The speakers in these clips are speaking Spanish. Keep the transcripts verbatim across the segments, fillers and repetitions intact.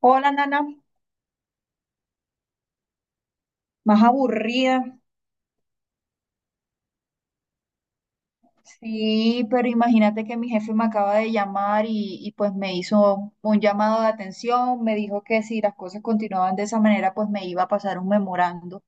Hola, Nana. Más aburrida. Sí, pero imagínate que mi jefe me acaba de llamar y, y, pues me hizo un llamado de atención, me dijo que si las cosas continuaban de esa manera, pues me iba a pasar un memorando.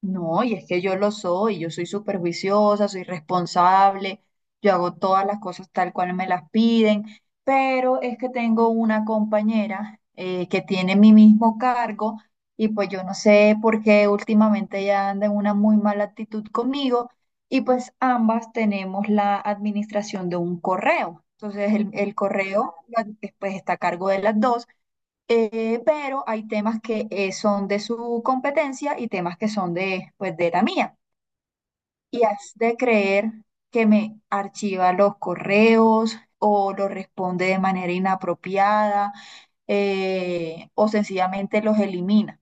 No, y es que yo lo soy, yo soy súper juiciosa, soy responsable, yo hago todas las cosas tal cual me las piden, pero es que tengo una compañera eh, que tiene mi mismo cargo y pues yo no sé por qué últimamente ella anda en una muy mala actitud conmigo y pues ambas tenemos la administración de un correo. Entonces el, el correo la- pues está a cargo de las dos. Eh, pero hay temas que eh, son de su competencia y temas que son de, pues, de la mía. Y has de creer que me archiva los correos o los responde de manera inapropiada eh, o sencillamente los elimina.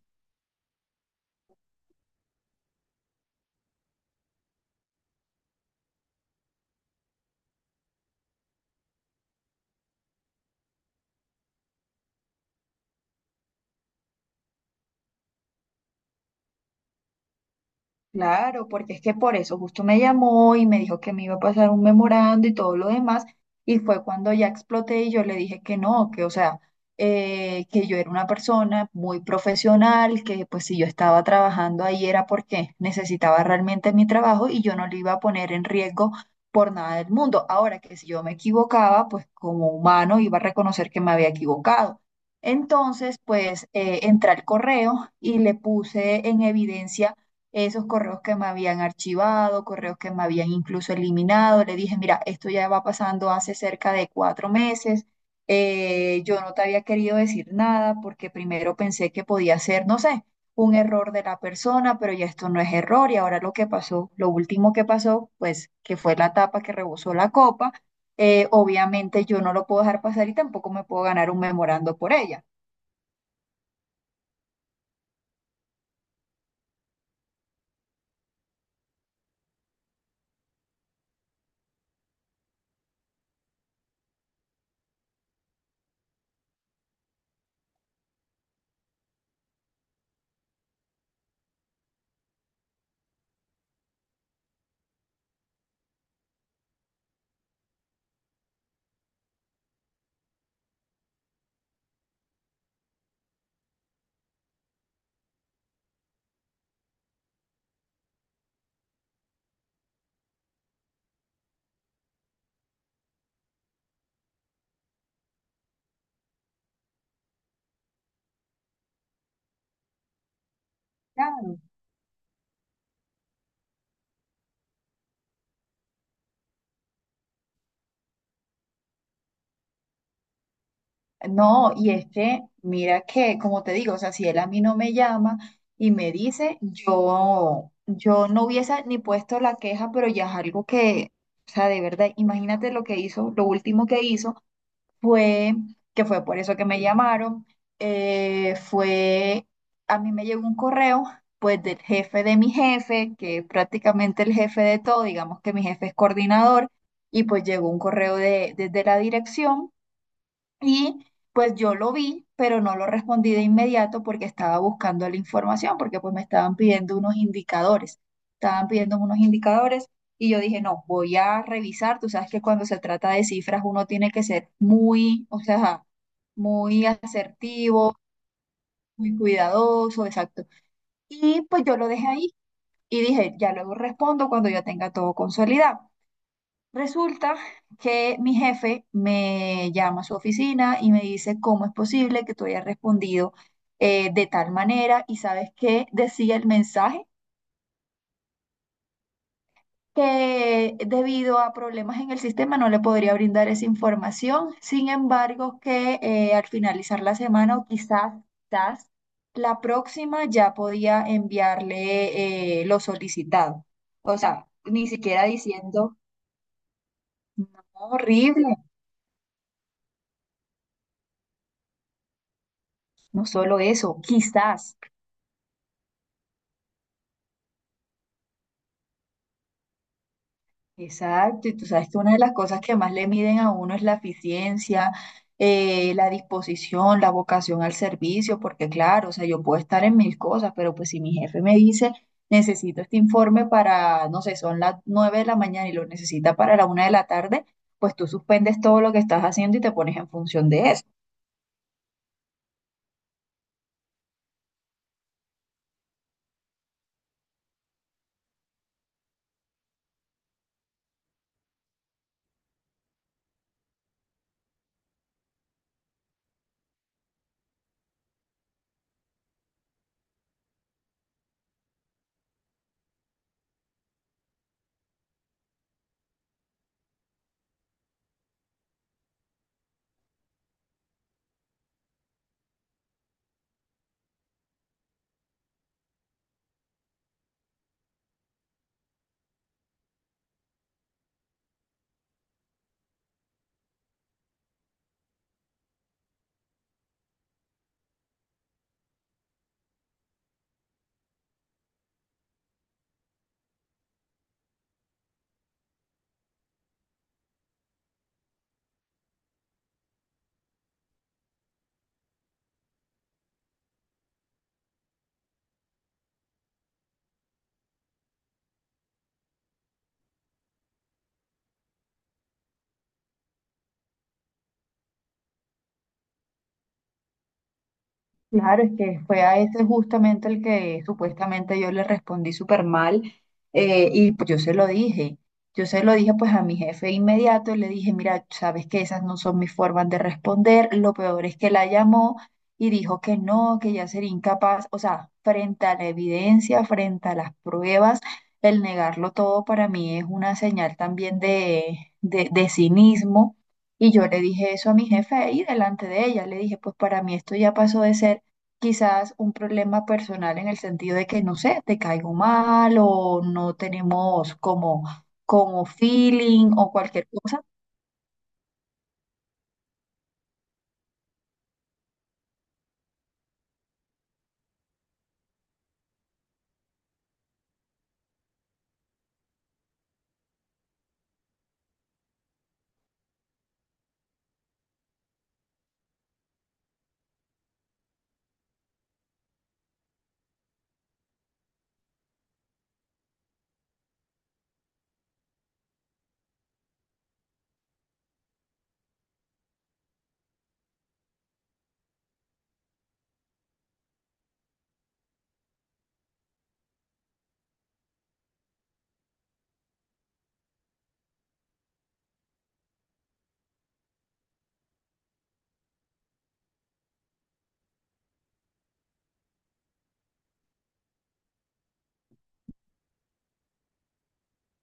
Claro, porque es que por eso justo me llamó y me dijo que me iba a pasar un memorando y todo lo demás, y fue cuando ya exploté y yo le dije que no, que o sea, eh, que yo era una persona muy profesional, que pues si yo estaba trabajando ahí era porque necesitaba realmente mi trabajo y yo no lo iba a poner en riesgo por nada del mundo. Ahora que si yo me equivocaba, pues como humano iba a reconocer que me había equivocado. Entonces, pues eh, entré al correo y le puse en evidencia esos correos que me habían archivado, correos que me habían incluso eliminado. Le dije, mira, esto ya va pasando hace cerca de cuatro meses. eh, yo no te había querido decir nada porque primero pensé que podía ser, no sé, un error de la persona, pero ya esto no es error. Y ahora lo que pasó, lo último que pasó, pues que fue la tapa que rebosó la copa. Eh, obviamente yo no lo puedo dejar pasar y tampoco me puedo ganar un memorando por ella. No, y es que, mira que, como te digo, o sea, si él a mí no me llama y me dice, yo, yo no hubiese ni puesto la queja, pero ya es algo que, o sea, de verdad, imagínate lo que hizo, lo último que hizo fue, que fue por eso que me llamaron, eh, fue, a mí me llegó un correo, pues, del jefe de mi jefe, que es prácticamente el jefe de todo, digamos que mi jefe es coordinador, y pues llegó un correo de, desde la dirección y pues yo lo vi, pero no lo respondí de inmediato porque estaba buscando la información, porque pues me estaban pidiendo unos indicadores, estaban pidiendo unos indicadores y yo dije, no, voy a revisar, tú sabes que cuando se trata de cifras uno tiene que ser muy, o sea, muy asertivo, muy cuidadoso, exacto. Y pues yo lo dejé ahí y dije, ya luego respondo cuando yo tenga todo consolidado. Resulta que mi jefe me llama a su oficina y me dice, ¿cómo es posible que tú hayas respondido eh, de tal manera? Y sabes qué decía el mensaje, que debido a problemas en el sistema no le podría brindar esa información. Sin embargo, que eh, al finalizar la semana o quizás, quizás la próxima ya podía enviarle eh, lo solicitado. O sea, ni siquiera diciendo, no, horrible, no solo eso, quizás. Exacto, y tú sabes que una de las cosas que más le miden a uno es la eficiencia, eh, la disposición, la vocación al servicio, porque claro, o sea, yo puedo estar en mil cosas, pero pues si mi jefe me dice, necesito este informe para, no sé, son las nueve de la mañana y lo necesita para la una de la tarde, pues tú suspendes todo lo que estás haciendo y te pones en función de eso. Claro, es que fue a ese justamente el que supuestamente yo le respondí súper mal eh, y pues yo se lo dije. Yo se lo dije pues a mi jefe inmediato le dije, mira, sabes que esas no son mis formas de responder. Lo peor es que la llamó y dijo que no, que ya sería incapaz. O sea, frente a la evidencia, frente a las pruebas, el negarlo todo para mí es una señal también de, de, de cinismo. Y yo le dije eso a mi jefe ahí delante de ella. Le dije, pues para mí esto ya pasó de ser quizás un problema personal en el sentido de que, no sé, te caigo mal o no tenemos como, como feeling o cualquier cosa.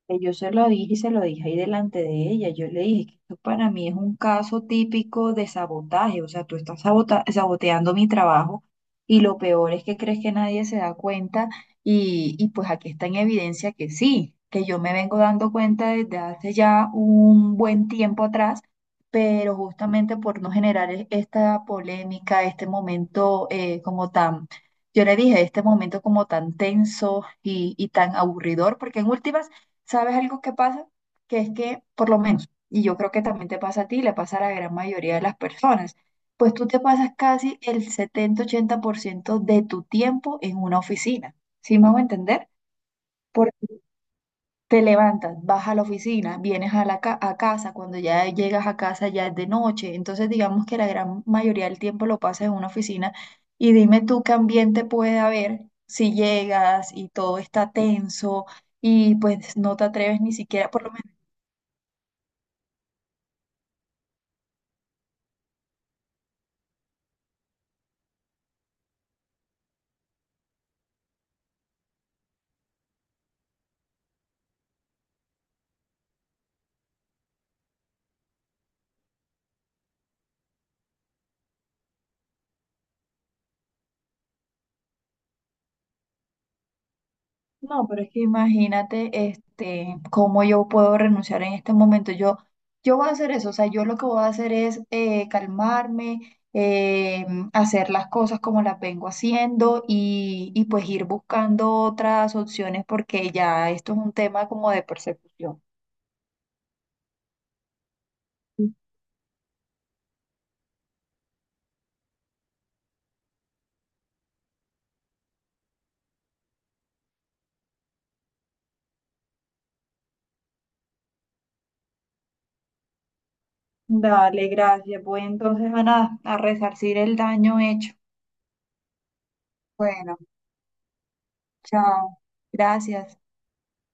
Que yo se lo dije y se lo dije ahí delante de ella. Yo le dije que esto para mí es un caso típico de sabotaje. O sea, tú estás sabota- saboteando mi trabajo y lo peor es que crees que nadie se da cuenta y, y pues aquí está en evidencia que sí, que yo me vengo dando cuenta desde hace ya un buen tiempo atrás, pero justamente por no generar e- esta polémica, este momento eh, como tan. Yo le dije, este momento como tan tenso y, y tan aburridor, porque en últimas, ¿sabes algo que pasa? Que es que, por lo menos, y yo creo que también te pasa a ti, le pasa a la gran mayoría de las personas, pues tú te pasas casi el setenta ochenta por ciento de tu tiempo en una oficina. ¿Sí me hago entender? Porque te levantas, vas a la oficina, vienes a la ca- a casa, cuando ya llegas a casa ya es de noche. Entonces, digamos que la gran mayoría del tiempo lo pasas en una oficina y dime tú qué ambiente puede haber si llegas y todo está tenso y pues no te atreves ni siquiera, por lo. No, pero es que imagínate, este, cómo yo puedo renunciar en este momento. Yo, yo voy a hacer eso, o sea, yo lo que voy a hacer es eh, calmarme, eh, hacer las cosas como las vengo haciendo y, y pues ir buscando otras opciones porque ya esto es un tema como de persecución. Dale, gracias. Voy entonces a nada, a resarcir el daño hecho. Bueno, chao. Gracias.